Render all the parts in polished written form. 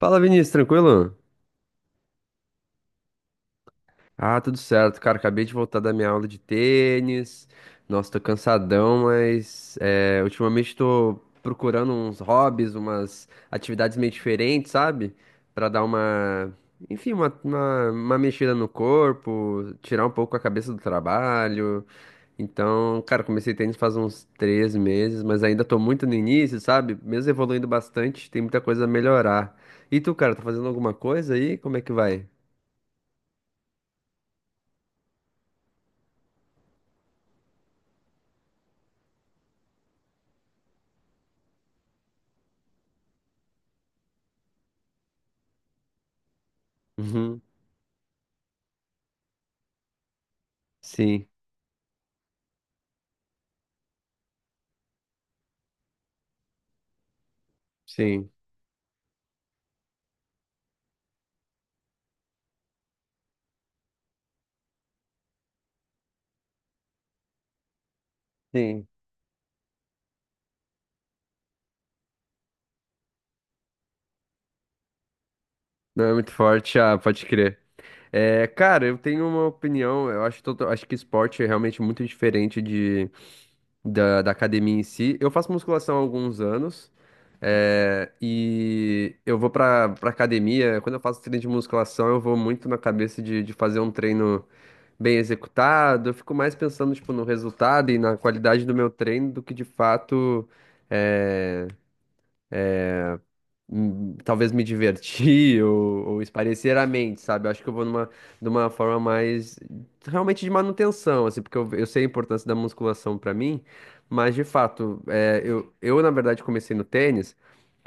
Fala, Vinícius, tranquilo? Ah, tudo certo, cara. Acabei de voltar da minha aula de tênis. Nossa, tô cansadão, mas ultimamente tô procurando uns hobbies, umas atividades meio diferentes, sabe? Pra dar uma, enfim, uma mexida no corpo, tirar um pouco a cabeça do trabalho. Então, cara, comecei tênis faz uns 3 meses, mas ainda tô muito no início, sabe? Mesmo evoluindo bastante, tem muita coisa a melhorar. E tu, cara, tá fazendo alguma coisa aí? Como é que vai? Uhum. Sim, sim, sim. Não é muito forte, ah, pode crer. É, cara, eu tenho uma opinião, eu acho, acho que esporte é realmente muito diferente da academia em si. Eu faço musculação há alguns anos, e eu vou pra academia, quando eu faço treino de musculação, eu vou muito na cabeça de fazer um treino bem executado, eu fico mais pensando, tipo, no resultado e na qualidade do meu treino do que de fato... é, talvez me divertir ou espairecer a mente, sabe? Eu acho que eu vou numa, numa forma mais realmente de manutenção, assim, porque eu sei a importância da musculação pra mim, mas de fato, eu na verdade comecei no tênis.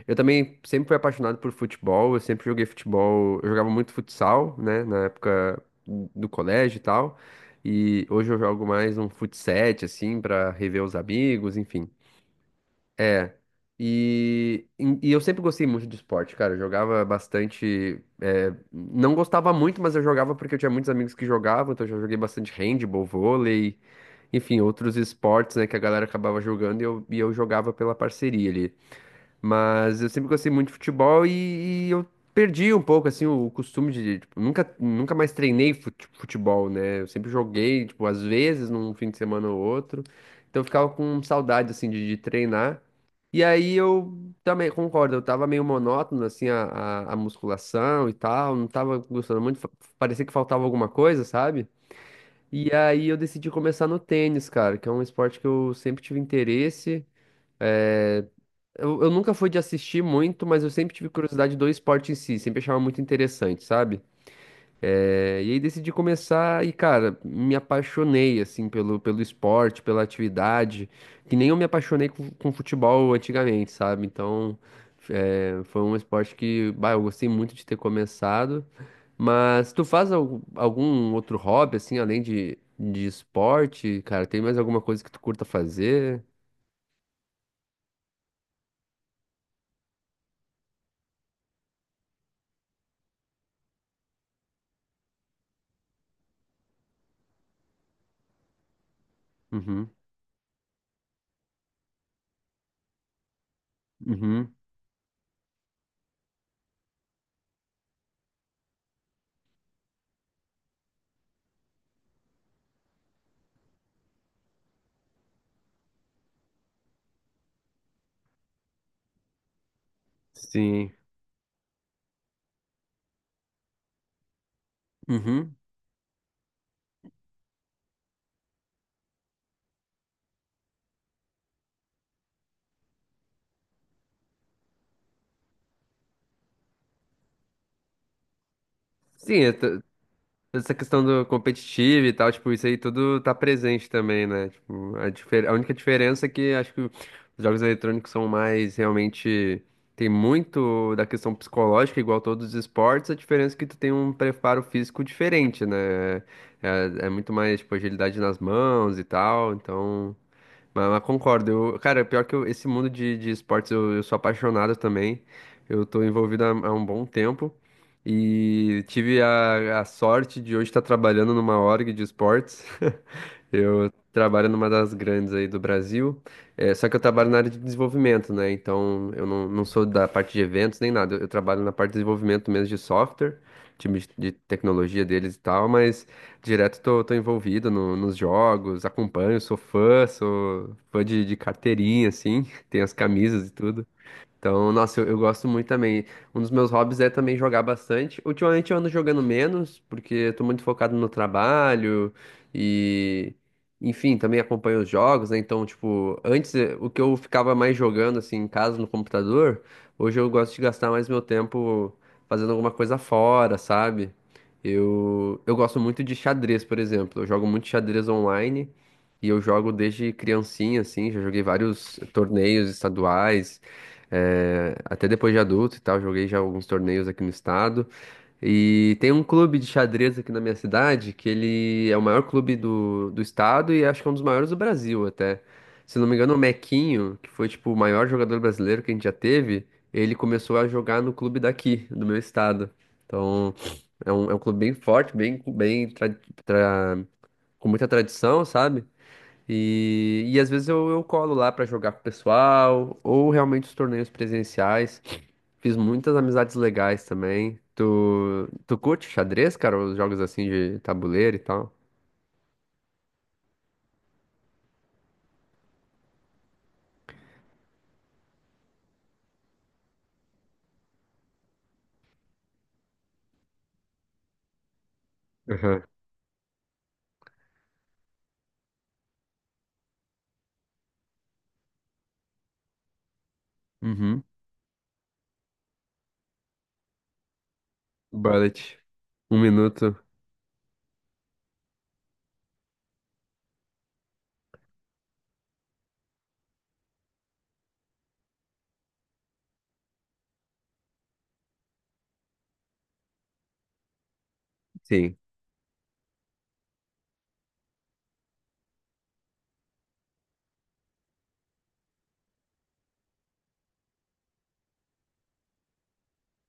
Eu também sempre fui apaixonado por futebol, eu sempre joguei futebol, eu jogava muito futsal, né, na época do colégio e tal. E hoje eu jogo mais um fut sete, assim, pra rever os amigos, enfim. É. E, e eu sempre gostei muito de esporte, cara. Eu jogava bastante. Não gostava muito, mas eu jogava porque eu tinha muitos amigos que jogavam, então eu já joguei bastante handball, vôlei, enfim, outros esportes, né, que a galera acabava jogando e eu jogava pela parceria ali. Mas eu sempre gostei muito de futebol e eu perdi um pouco, assim, o costume de, tipo, nunca mais treinei futebol, né? Eu sempre joguei, tipo, às vezes, num fim de semana ou outro. Então eu ficava com saudade, assim, de treinar. E aí eu também concordo, eu tava meio monótono, assim, a musculação e tal, não tava gostando muito, parecia que faltava alguma coisa, sabe? E aí eu decidi começar no tênis, cara, que é um esporte que eu sempre tive interesse. eh, eu nunca fui de assistir muito, mas eu sempre tive curiosidade do esporte em si, sempre achava muito interessante, sabe? E aí decidi começar e, cara, me apaixonei, assim, pelo esporte, pela atividade, que nem eu me apaixonei com futebol antigamente, sabe? Então, foi um esporte que, bah, eu gostei muito de ter começado. Mas tu faz algum outro hobby, assim, além de esporte, cara? Tem mais alguma coisa que tu curta fazer? Uhum, uhum, sim. Uhum. Sim. Essa questão do competitivo e tal, tipo, isso aí tudo tá presente também, né? Tipo, a única diferença é que acho que os jogos eletrônicos são mais realmente. Tem muito da questão psicológica, igual todos os esportes, a diferença é que tu tem um preparo físico diferente, né? É, é muito mais, tipo, agilidade nas mãos e tal, então. Mas concordo. Eu, cara, é pior que esse mundo de esportes eu sou apaixonado também. Eu tô envolvido há um bom tempo e tive a sorte de hoje estar trabalhando numa org de esportes. Eu trabalho numa das grandes aí do Brasil, só que eu trabalho na área de desenvolvimento, né? Então eu não, não sou da parte de eventos nem nada. Eu trabalho na parte de desenvolvimento mesmo de software, time de tecnologia deles e tal, mas. Direto tô envolvido nos jogos, acompanho, sou fã de carteirinha, assim, tem as camisas e tudo. Então, nossa, eu gosto muito também. Um dos meus hobbies é também jogar bastante. Ultimamente eu ando jogando menos, porque eu tô muito focado no trabalho e, enfim, também acompanho os jogos, né? Então, tipo, antes o que eu ficava mais jogando, assim, em casa, no computador, hoje eu gosto de gastar mais meu tempo fazendo alguma coisa fora, sabe? Eu gosto muito de xadrez, por exemplo. Eu jogo muito xadrez online e eu jogo desde criancinha, assim, já joguei vários torneios estaduais. É, até depois de adulto e tal, joguei já alguns torneios aqui no estado. E tem um clube de xadrez aqui na minha cidade, que ele é o maior clube do estado e acho que é um dos maiores do Brasil até. Se não me engano, o Mequinho, que foi tipo o maior jogador brasileiro que a gente já teve, ele começou a jogar no clube daqui, do meu estado. Então, é um clube bem forte, bem, tra- com muita tradição, sabe? E às vezes eu colo lá pra jogar com o pessoal, ou realmente os torneios presenciais. Fiz muitas amizades legais também. Tu curte xadrez, cara? Os jogos assim de tabuleiro e tal? Aham. Uhum. Bullet. Um minuto. Sim.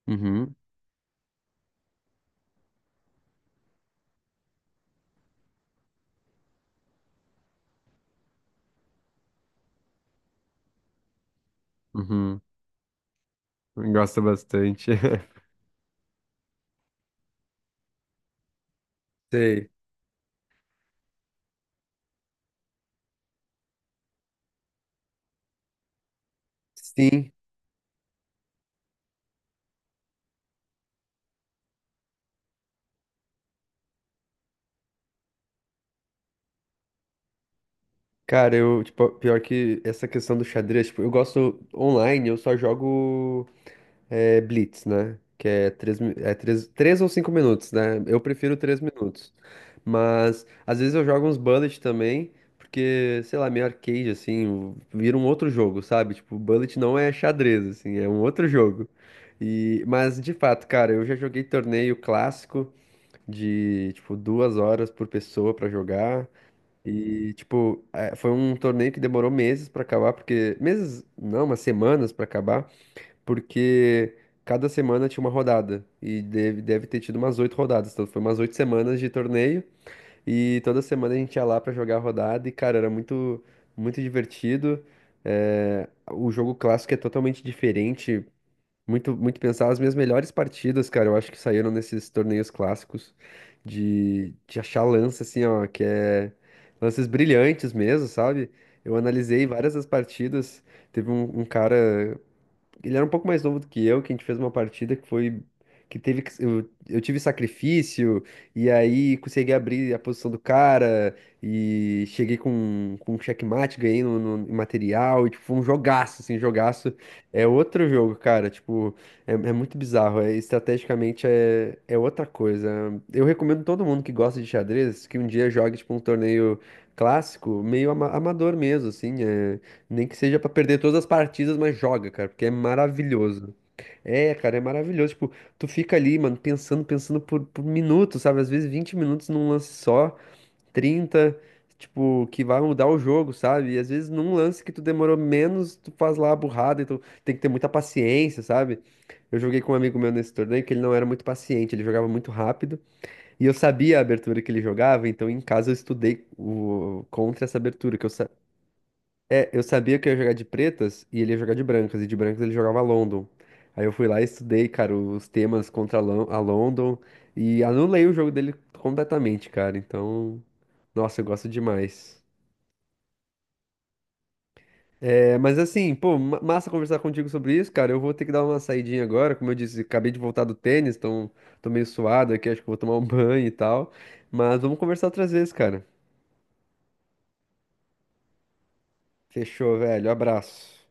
Uhum. Uhum. Gosto bastante. Sei. Sim. Cara, eu, tipo, pior que essa questão do xadrez, tipo, eu gosto online, eu só jogo. É Blitz, né? Que é 3 ou 5 minutos, né? Eu prefiro 3 minutos. Mas às vezes eu jogo uns bullet também, porque, sei lá, meio arcade, assim, vira um outro jogo, sabe? Tipo, bullet não é xadrez, assim, é um outro jogo. E, mas de fato, cara, eu já joguei torneio clássico de, tipo, 2 horas por pessoa pra jogar. E, tipo, foi um torneio que demorou meses pra acabar, porque. Meses, não, umas semanas pra acabar porque cada semana tinha uma rodada e deve ter tido umas 8 rodadas, então foi umas 8 semanas de torneio e toda semana a gente ia lá pra jogar a rodada e cara, era muito muito divertido. É, o jogo clássico é totalmente diferente, muito muito pensar. As minhas melhores partidas, cara, eu acho que saíram nesses torneios clássicos de achar lance assim, ó, que é lances brilhantes mesmo, sabe? Eu analisei várias das partidas. Teve um cara, ele era um pouco mais novo do que eu, que a gente fez uma partida que foi. Que teve que. Eu tive sacrifício, e aí consegui abrir a posição do cara, e cheguei com um checkmate, ganhei em material, e tipo, foi um jogaço, assim, jogaço. É outro jogo, cara, tipo, é, é muito bizarro, é, estrategicamente é, é outra coisa. Eu recomendo todo mundo que gosta de xadrez que um dia jogue, tipo, um torneio clássico, meio amador mesmo, assim, é. Nem que seja pra perder todas as partidas, mas joga, cara, porque é maravilhoso. É, cara, é maravilhoso. Tipo, tu fica ali, mano, pensando, pensando por minutos, sabe? Às vezes 20 minutos num lance só, 30, tipo, que vai mudar o jogo, sabe? E às vezes num lance que tu demorou menos, tu faz lá a burrada, então tem que ter muita paciência, sabe? Eu joguei com um amigo meu nesse torneio que ele não era muito paciente, ele jogava muito rápido. E eu sabia a abertura que ele jogava, então em casa eu estudei o, contra essa abertura, eu sabia que eu ia jogar de pretas e ele ia jogar de brancas, e de brancas ele jogava London. Aí eu fui lá e estudei, cara, os temas contra a London e anulei o jogo dele completamente, cara. Então, nossa, eu gosto demais. É, mas assim, pô, massa conversar contigo sobre isso, cara. Eu vou ter que dar uma saidinha agora, como eu disse, acabei de voltar do tênis, então tô meio suado aqui, acho que vou tomar um banho e tal. Mas vamos conversar outras vezes, cara. Fechou, velho. Abraço.